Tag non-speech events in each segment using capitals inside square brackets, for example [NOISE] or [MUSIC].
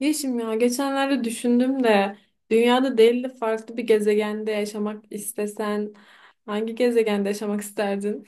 Yeşim ya geçenlerde düşündüm de dünyada değil de farklı bir gezegende yaşamak istesen hangi gezegende yaşamak isterdin?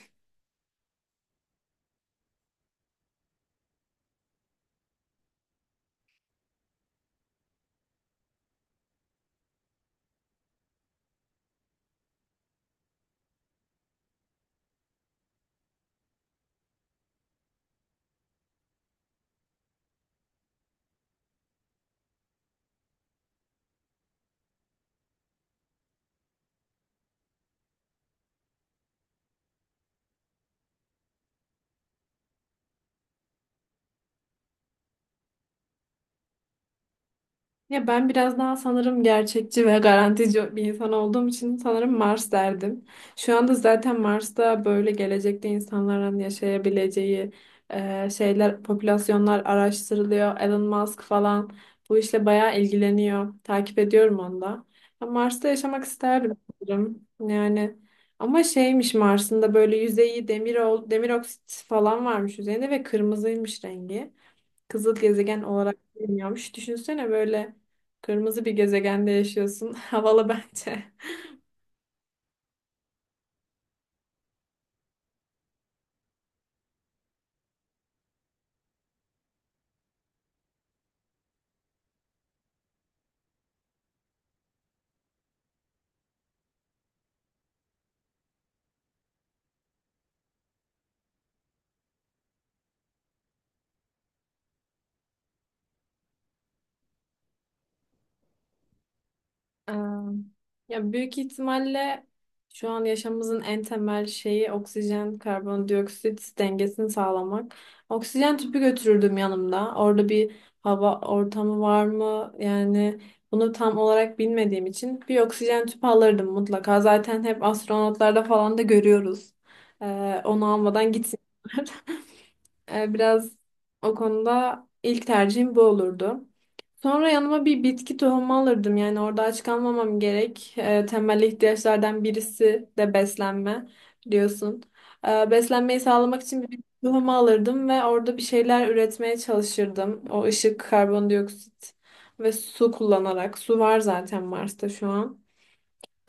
Ya ben biraz daha sanırım gerçekçi ve garantici bir insan olduğum için sanırım Mars derdim. Şu anda zaten Mars'ta böyle gelecekte insanların yaşayabileceği şeyler, popülasyonlar araştırılıyor. Elon Musk falan bu işle bayağı ilgileniyor. Takip ediyorum onu da. Ya Mars'ta yaşamak isterdim sanırım. Yani ama şeymiş Mars'ın da böyle yüzeyi demir, demir oksit falan varmış üzerinde ve kırmızıymış rengi. Kızıl gezegen olarak bilmiyormuş. Düşünsene böyle kırmızı bir gezegende yaşıyorsun. [LAUGHS] Havalı bence. Ee, Ya büyük ihtimalle şu an yaşamımızın en temel şeyi oksijen karbondioksit dengesini sağlamak. Oksijen tüpü götürürdüm yanımda. Orada bir hava ortamı var mı? Yani bunu tam olarak bilmediğim için bir oksijen tüpü alırdım mutlaka. Zaten hep astronotlarda falan da görüyoruz. Onu almadan gitsinler. [LAUGHS] Biraz o konuda ilk tercihim bu olurdu. Sonra yanıma bir bitki tohumu alırdım. Yani orada aç kalmamam gerek. Temel ihtiyaçlardan birisi de beslenme biliyorsun. Beslenmeyi sağlamak için bir bitki tohumu alırdım ve orada bir şeyler üretmeye çalışırdım. O ışık, karbondioksit ve su kullanarak. Su var zaten Mars'ta şu an.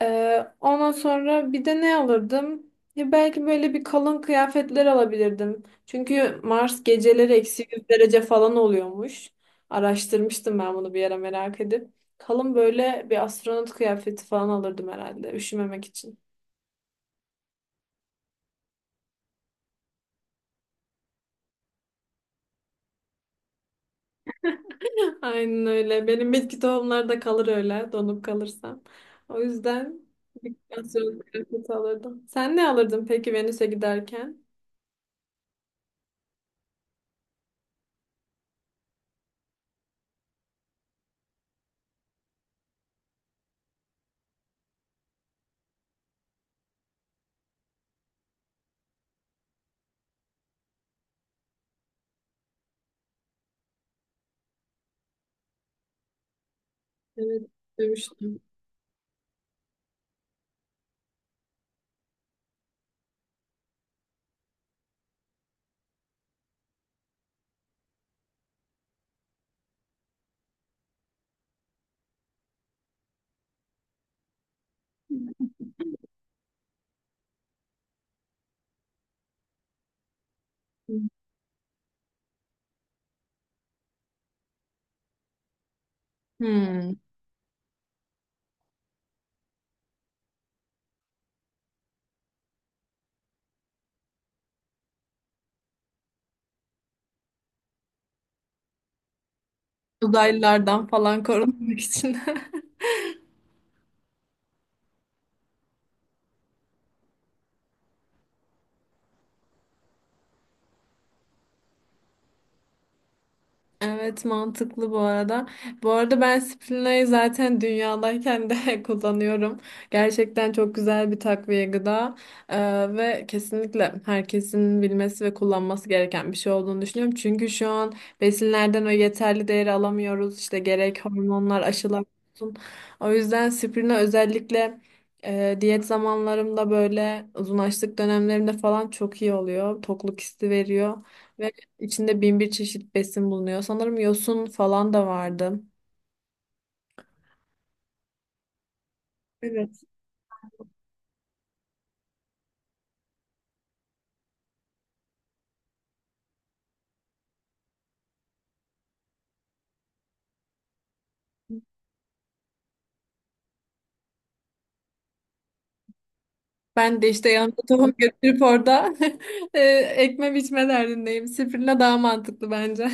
Ondan sonra bir de ne alırdım? Ya belki böyle bir kalın kıyafetler alabilirdim. Çünkü Mars geceleri eksi 100 derece falan oluyormuş. Araştırmıştım ben bunu bir yere merak edip. Kalın böyle bir astronot kıyafeti falan alırdım herhalde üşümemek için. [LAUGHS] Aynen öyle. Benim bitki tohumları da kalır öyle donup kalırsam. O yüzden bir astronot kıyafeti alırdım. Sen ne alırdın peki Venüs'e giderken? Evet, demiştim. Hmm. Uzaylılardan falan korunmak için. [LAUGHS] Evet, mantıklı bu arada. Bu arada ben Sprina'yı zaten dünyadayken de [LAUGHS] kullanıyorum. Gerçekten çok güzel bir takviye gıda. Ee, Ve kesinlikle herkesin bilmesi ve kullanması gereken bir şey olduğunu düşünüyorum. Çünkü şu an besinlerden o yeterli değeri alamıyoruz. İşte gerek hormonlar, aşılar olsun. O yüzden Sprina özellikle diyet zamanlarımda böyle uzun açlık dönemlerimde falan çok iyi oluyor. Tokluk hissi veriyor. İçinde bin bir çeşit besin bulunuyor. Sanırım yosun falan da vardı. Evet. Ben de işte yanımda tohum götürüp orada [LAUGHS] e, ekme biçme derdindeyim. Spirulina daha mantıklı bence.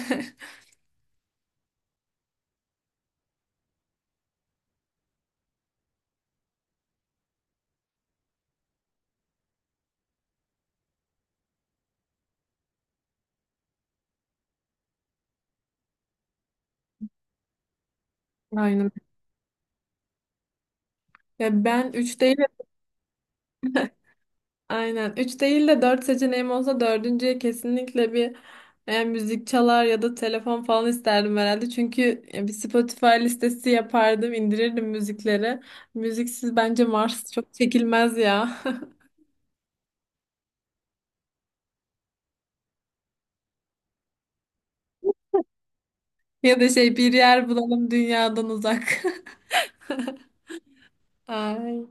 [LAUGHS] Aynen. Ya ben 3 değil, aynen 3 değil de 4 seçeneğim olsa dördüncüye kesinlikle bir müzik çalar ya da telefon falan isterdim herhalde. Çünkü bir Spotify listesi yapardım, indirirdim müzikleri. Müziksiz bence Mars çok çekilmez ya. [LAUGHS] Ya da şey, bir yer bulalım dünyadan uzak. [LAUGHS] Ay.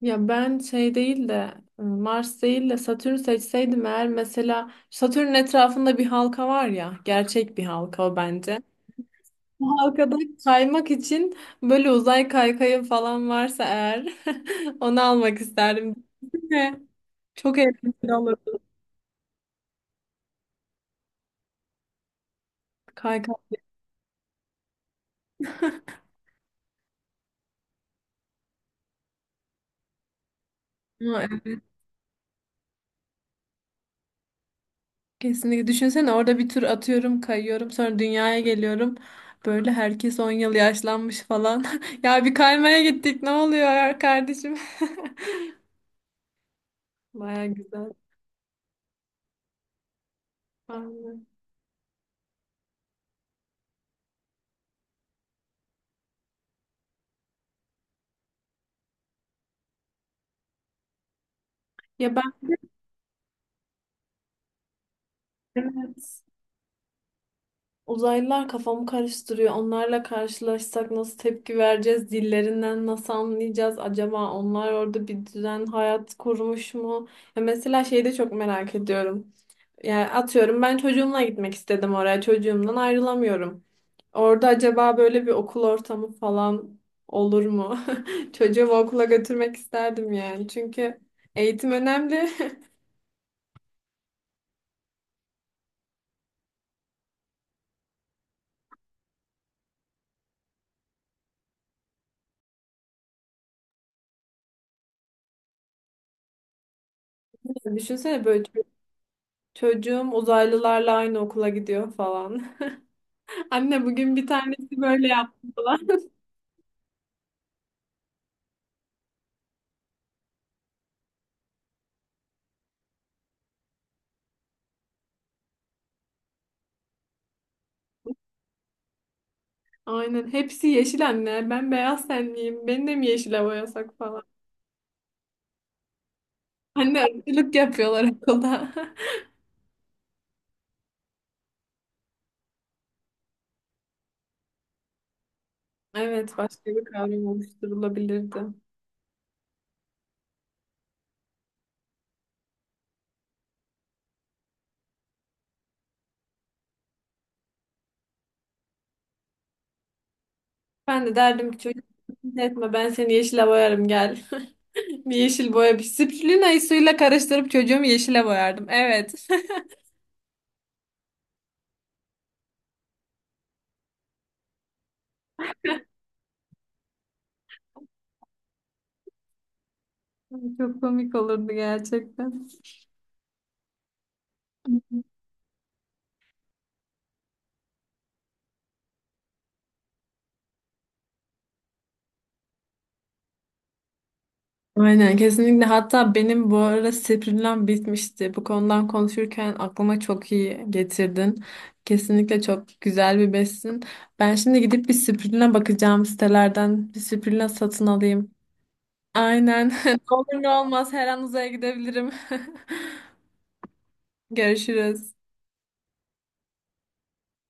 Ya ben şey değil de, Mars değil de Satürn seçseydim eğer, mesela Satürn'ün etrafında bir halka var ya, gerçek bir halka o bence. Bu halkada kaymak için böyle uzay kaykayı falan varsa eğer [LAUGHS] onu almak isterdim. Değil mi? Çok eğlenceli olurdu kaykay. Kesinlikle. Düşünsene orada bir tur atıyorum, kayıyorum, sonra dünyaya geliyorum. Böyle herkes 10 yıl yaşlanmış falan. [LAUGHS] Ya bir kaymaya gittik. Ne oluyor ya kardeşim? [LAUGHS] Baya güzel. Aynen. Ya ben evet uzaylılar kafamı karıştırıyor. Onlarla karşılaşsak nasıl tepki vereceğiz? Dillerinden nasıl anlayacağız? Acaba onlar orada bir düzen, hayat kurmuş mu? Ya mesela şeyi de çok merak ediyorum. Yani atıyorum ben çocuğumla gitmek istedim oraya. Çocuğumdan ayrılamıyorum. Orada acaba böyle bir okul ortamı falan olur mu? [LAUGHS] Çocuğumu okula götürmek isterdim yani. Çünkü eğitim önemli. [LAUGHS] Düşünsene böyle çocuğum uzaylılarla aynı okula gidiyor falan. [LAUGHS] Anne bugün bir tanesi böyle yaptı falan. [LAUGHS] Aynen. Hepsi yeşil anne. Ben beyaz tenliyim. Beni de mi yeşile boyasak falan. Anne, ırkçılık yapıyorlar okulda. [LAUGHS] Evet, başka bir kavram oluşturulabilirdi. Ben de derdim ki çocuk etme, ben seni yeşile boyarım gel. [LAUGHS] Bir yeşil boya, bir spirulina'yı suyla karıştırıp çocuğumu yeşile boyardım. Evet. [LAUGHS] Çok komik olurdu gerçekten. Aynen, kesinlikle. Hatta benim bu ara spirulinam bitmişti. Bu konudan konuşurken aklıma çok iyi getirdin. Kesinlikle çok güzel bir besin. Ben şimdi gidip bir spirulina bakacağım sitelerden. Bir spirulina satın alayım. Aynen. [LAUGHS] Ne olur ne olmaz her an uzaya gidebilirim. [LAUGHS] Görüşürüz.